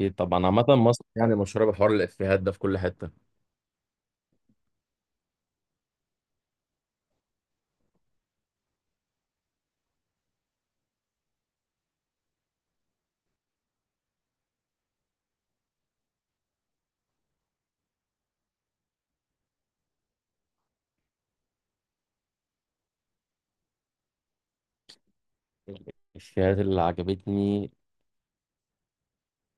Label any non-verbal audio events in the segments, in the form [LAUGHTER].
اكيد طبعا عامة مصر يعني مشهورة بحوار الإفيهات ده في كل حتة. الإفيهات اللي عجبتني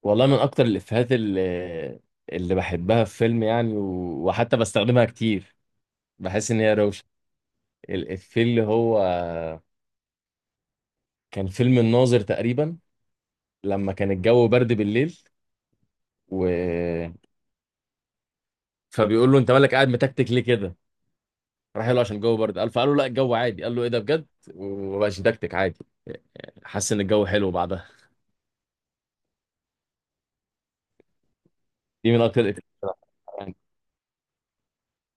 والله من أكتر الإفيهات اللي بحبها في فيلم يعني وحتى بستخدمها كتير. بحس إن هي روشة. الإفيه اللي هو كان فيلم الناظر تقريبا، لما كان الجو برد بالليل و... فبيقول له أنت مالك قاعد متكتك ليه كده؟ راح له عشان الجو برد فقال له لا الجو عادي. قال له إيه ده بجد؟ ومبقاش متكتك عادي، حس إن الجو حلو بعدها. دي من أكتر الإفيهات.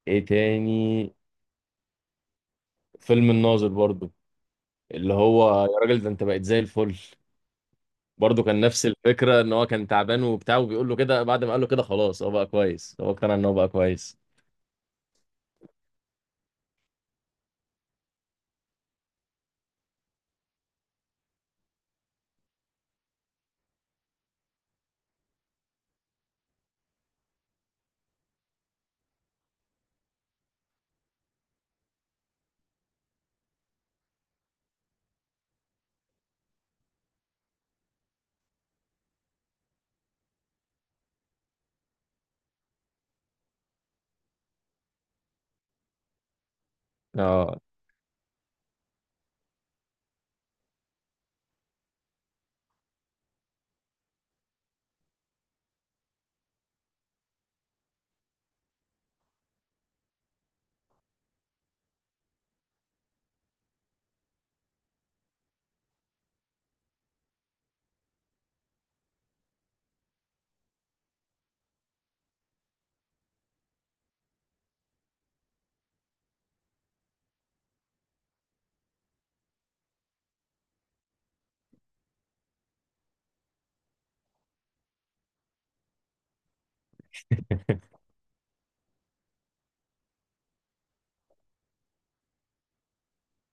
ايه تاني؟ فيلم الناظر برضو، اللي هو يا راجل ده انت بقيت زي الفل. برضو كان نفس الفكرة، ان هو كان تعبان وبتاع وبيقول له كده، بعد ما قال له كده خلاص هو بقى كويس، هو اقتنع ان هو بقى كويس. اه.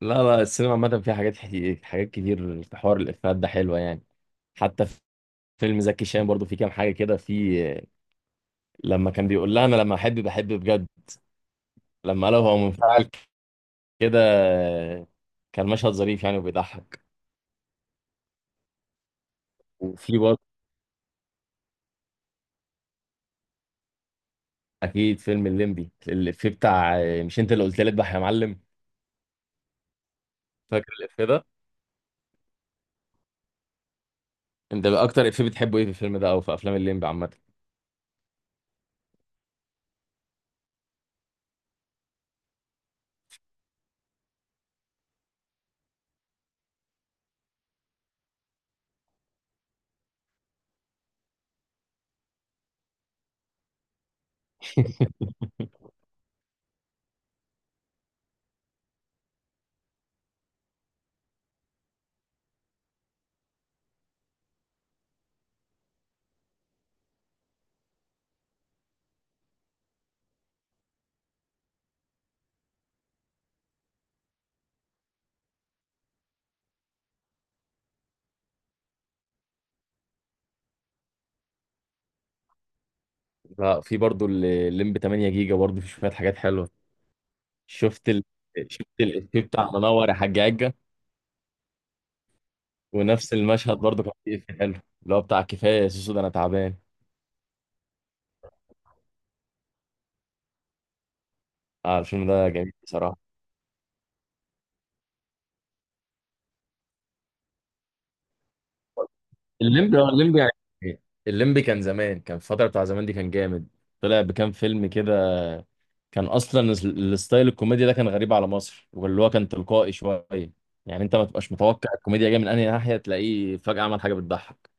لا لا، السينما عامة فيها حاجات كتير في حوار الإفيهات ده حلوة يعني. حتى في فيلم زكي شان برضو في كام حاجة كده. في لما كان بيقول لها انا لما احب بحب بجد، لما قالها هو منفعل كده. كان مشهد ظريف يعني وبيضحك. وفي برضه اكيد فيلم الليمبي الافيه بتاع مش انت اللي قلت لي اذبح يا معلم. فاكر الافيه ده؟ انت اكتر افيه بتحبه ايه في الفيلم ده او في افلام الليمبي عامه؟ [LAUGHS] لا، في برضه الليمبي 8 جيجا برضه في شويه حاجات حلوه. شفت ال... شفت الافيه بتاع منور يا حاج عجه. ونفس المشهد برضه كان فيه افيه حلو، اللي هو بتاع كفايه يا سوسو ده انا تعبان. اه، الفيلم ده جميل بصراحه. الليمبي، الليمبي يعني، الليمبي كان زمان، كان الفترة بتاع زمان دي كان جامد. طلع بكام فيلم كده. كان اصلا الستايل الكوميديا ده كان غريب على مصر، واللي هو كان تلقائي شوية. يعني انت ما تبقاش متوقع الكوميديا جايه من انهي ناحية، تلاقيه فجأة عمل حاجة بتضحك.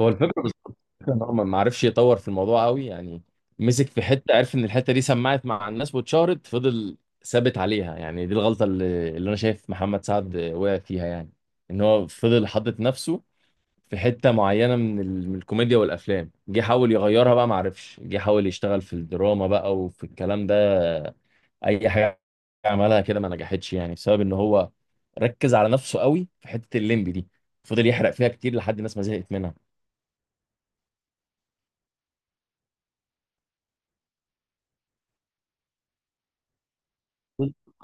هو الفكرة بالظبط ان هو ما عرفش يطور في الموضوع قوي يعني. مسك في حتة، عرف ان الحتة دي سمعت مع الناس واتشهرت، فضل ثابت عليها يعني. دي الغلطة اللي انا شايف محمد سعد وقع فيها يعني، ان هو فضل حاطط نفسه في حتة معينة من الكوميديا والأفلام. جه حاول يغيرها بقى، معرفش، جه حاول يشتغل في الدراما بقى وفي الكلام ده. أي حاجة عملها كده ما نجحتش يعني، بسبب إن هو ركز على نفسه قوي في حتة الليمبي دي، فضل يحرق فيها كتير لحد الناس ما زهقت منها.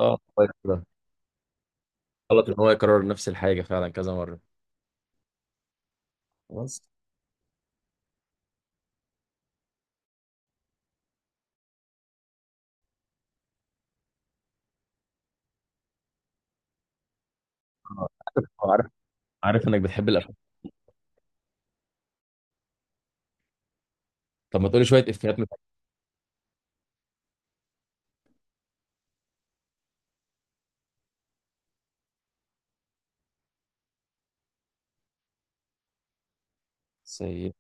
اه كويس كده. غلط إن هو يكرر نفس الحاجة فعلا كذا مرة. بس [LAUGHS] آه، عارف عارف عارف إنك بتحب الأفلام. طب ما تقولي شوية إفيهات من. سيئة.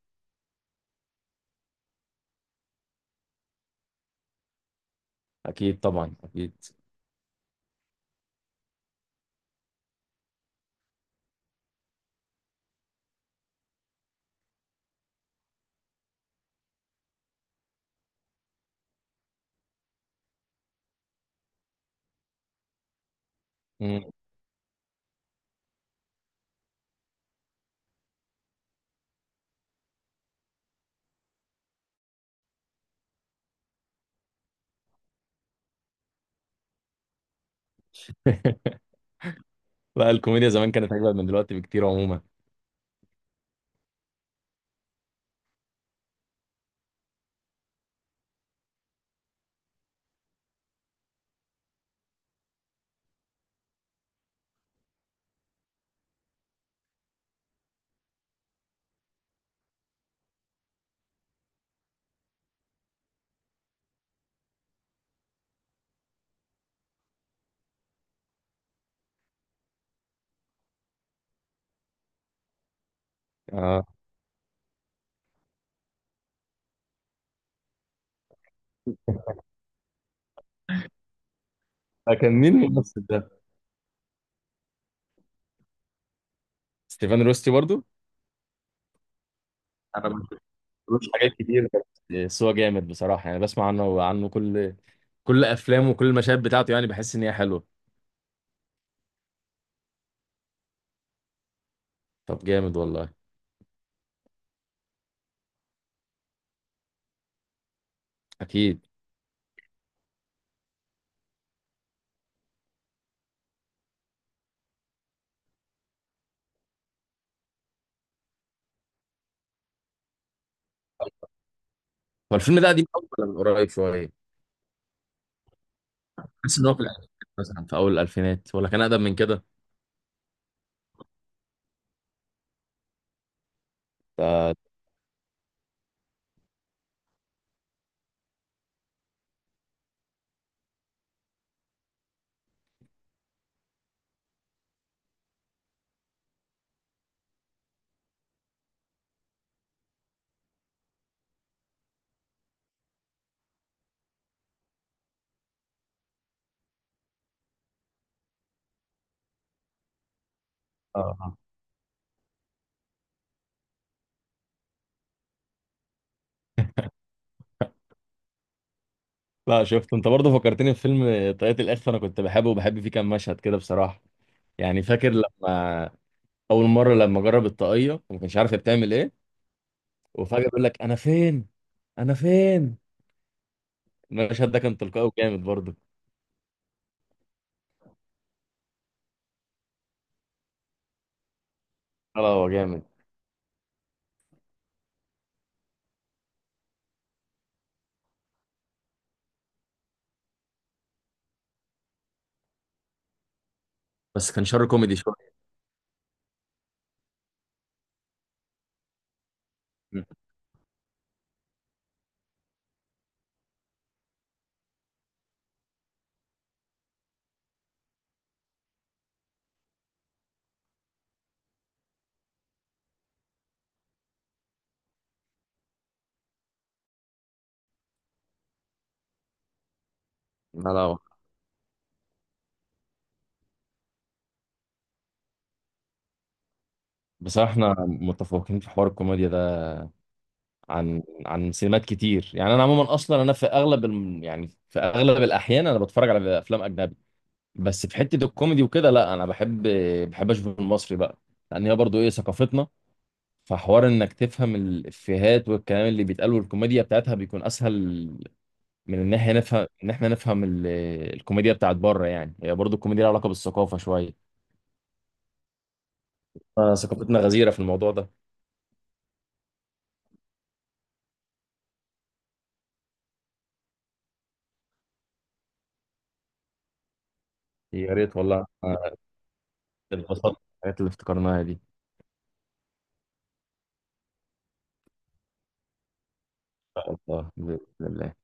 أكيد طبعا أكيد. مم. [LAUGHS] لا، الكوميديا زمان كانت أجمل من دلوقتي بكتير عموما. اه، كان مين الممثل ده؟ ستيفان روستي برضو؟ انا ما شفتلوش حاجات كتير، بس هو جامد بصراحة يعني. بسمع عنه كل أفلامه وكل المشاهد بتاعته، يعني بحس إن هي حلوة. طب جامد والله. أكيد. هو الفيلم ده قديم أوي ولا من قريب شوية؟ بحس إن هو في الألفينات، مثلا في أول الألفينات، ولا كان أقدم من كده؟ ده- آه. لا، شفت، أنت برضه فكرتني في فيلم طاقية الإخفاء. أنا كنت بحبه وبحب فيه كام مشهد كده بصراحة. يعني فاكر لما أول مرة لما جرب الطاقية وما كانش عارف هي بتعمل إيه، وفجأة بيقول لك أنا فين؟ أنا فين؟ المشهد ده كان تلقائي وجامد برضه. لا لا، هو جامد. بس كان شر كوميدي شوية. لا لا، بصراحة احنا متفوقين في حوار الكوميديا ده عن سينمات كتير يعني. أنا عموما أصلا أنا يعني في أغلب الأحيان أنا بتفرج على أفلام أجنبي. بس في حتة الكوميدي وكده لا أنا بحب أشوف المصري بقى. لأن هي برضه إيه ثقافتنا، فحوار إنك تفهم الإفيهات والكلام اللي بيتقال والكوميديا بتاعتها بيكون أسهل من ان احنا نفهم الكوميديا بتاعت بره. يعني هي برضو الكوميديا لها علاقه بالثقافه شويه. ثقافتنا غزيره في الموضوع ده. يا ريت والله. اتبسطت بالحاجات اللي افتكرناها دي. والله بإذن الله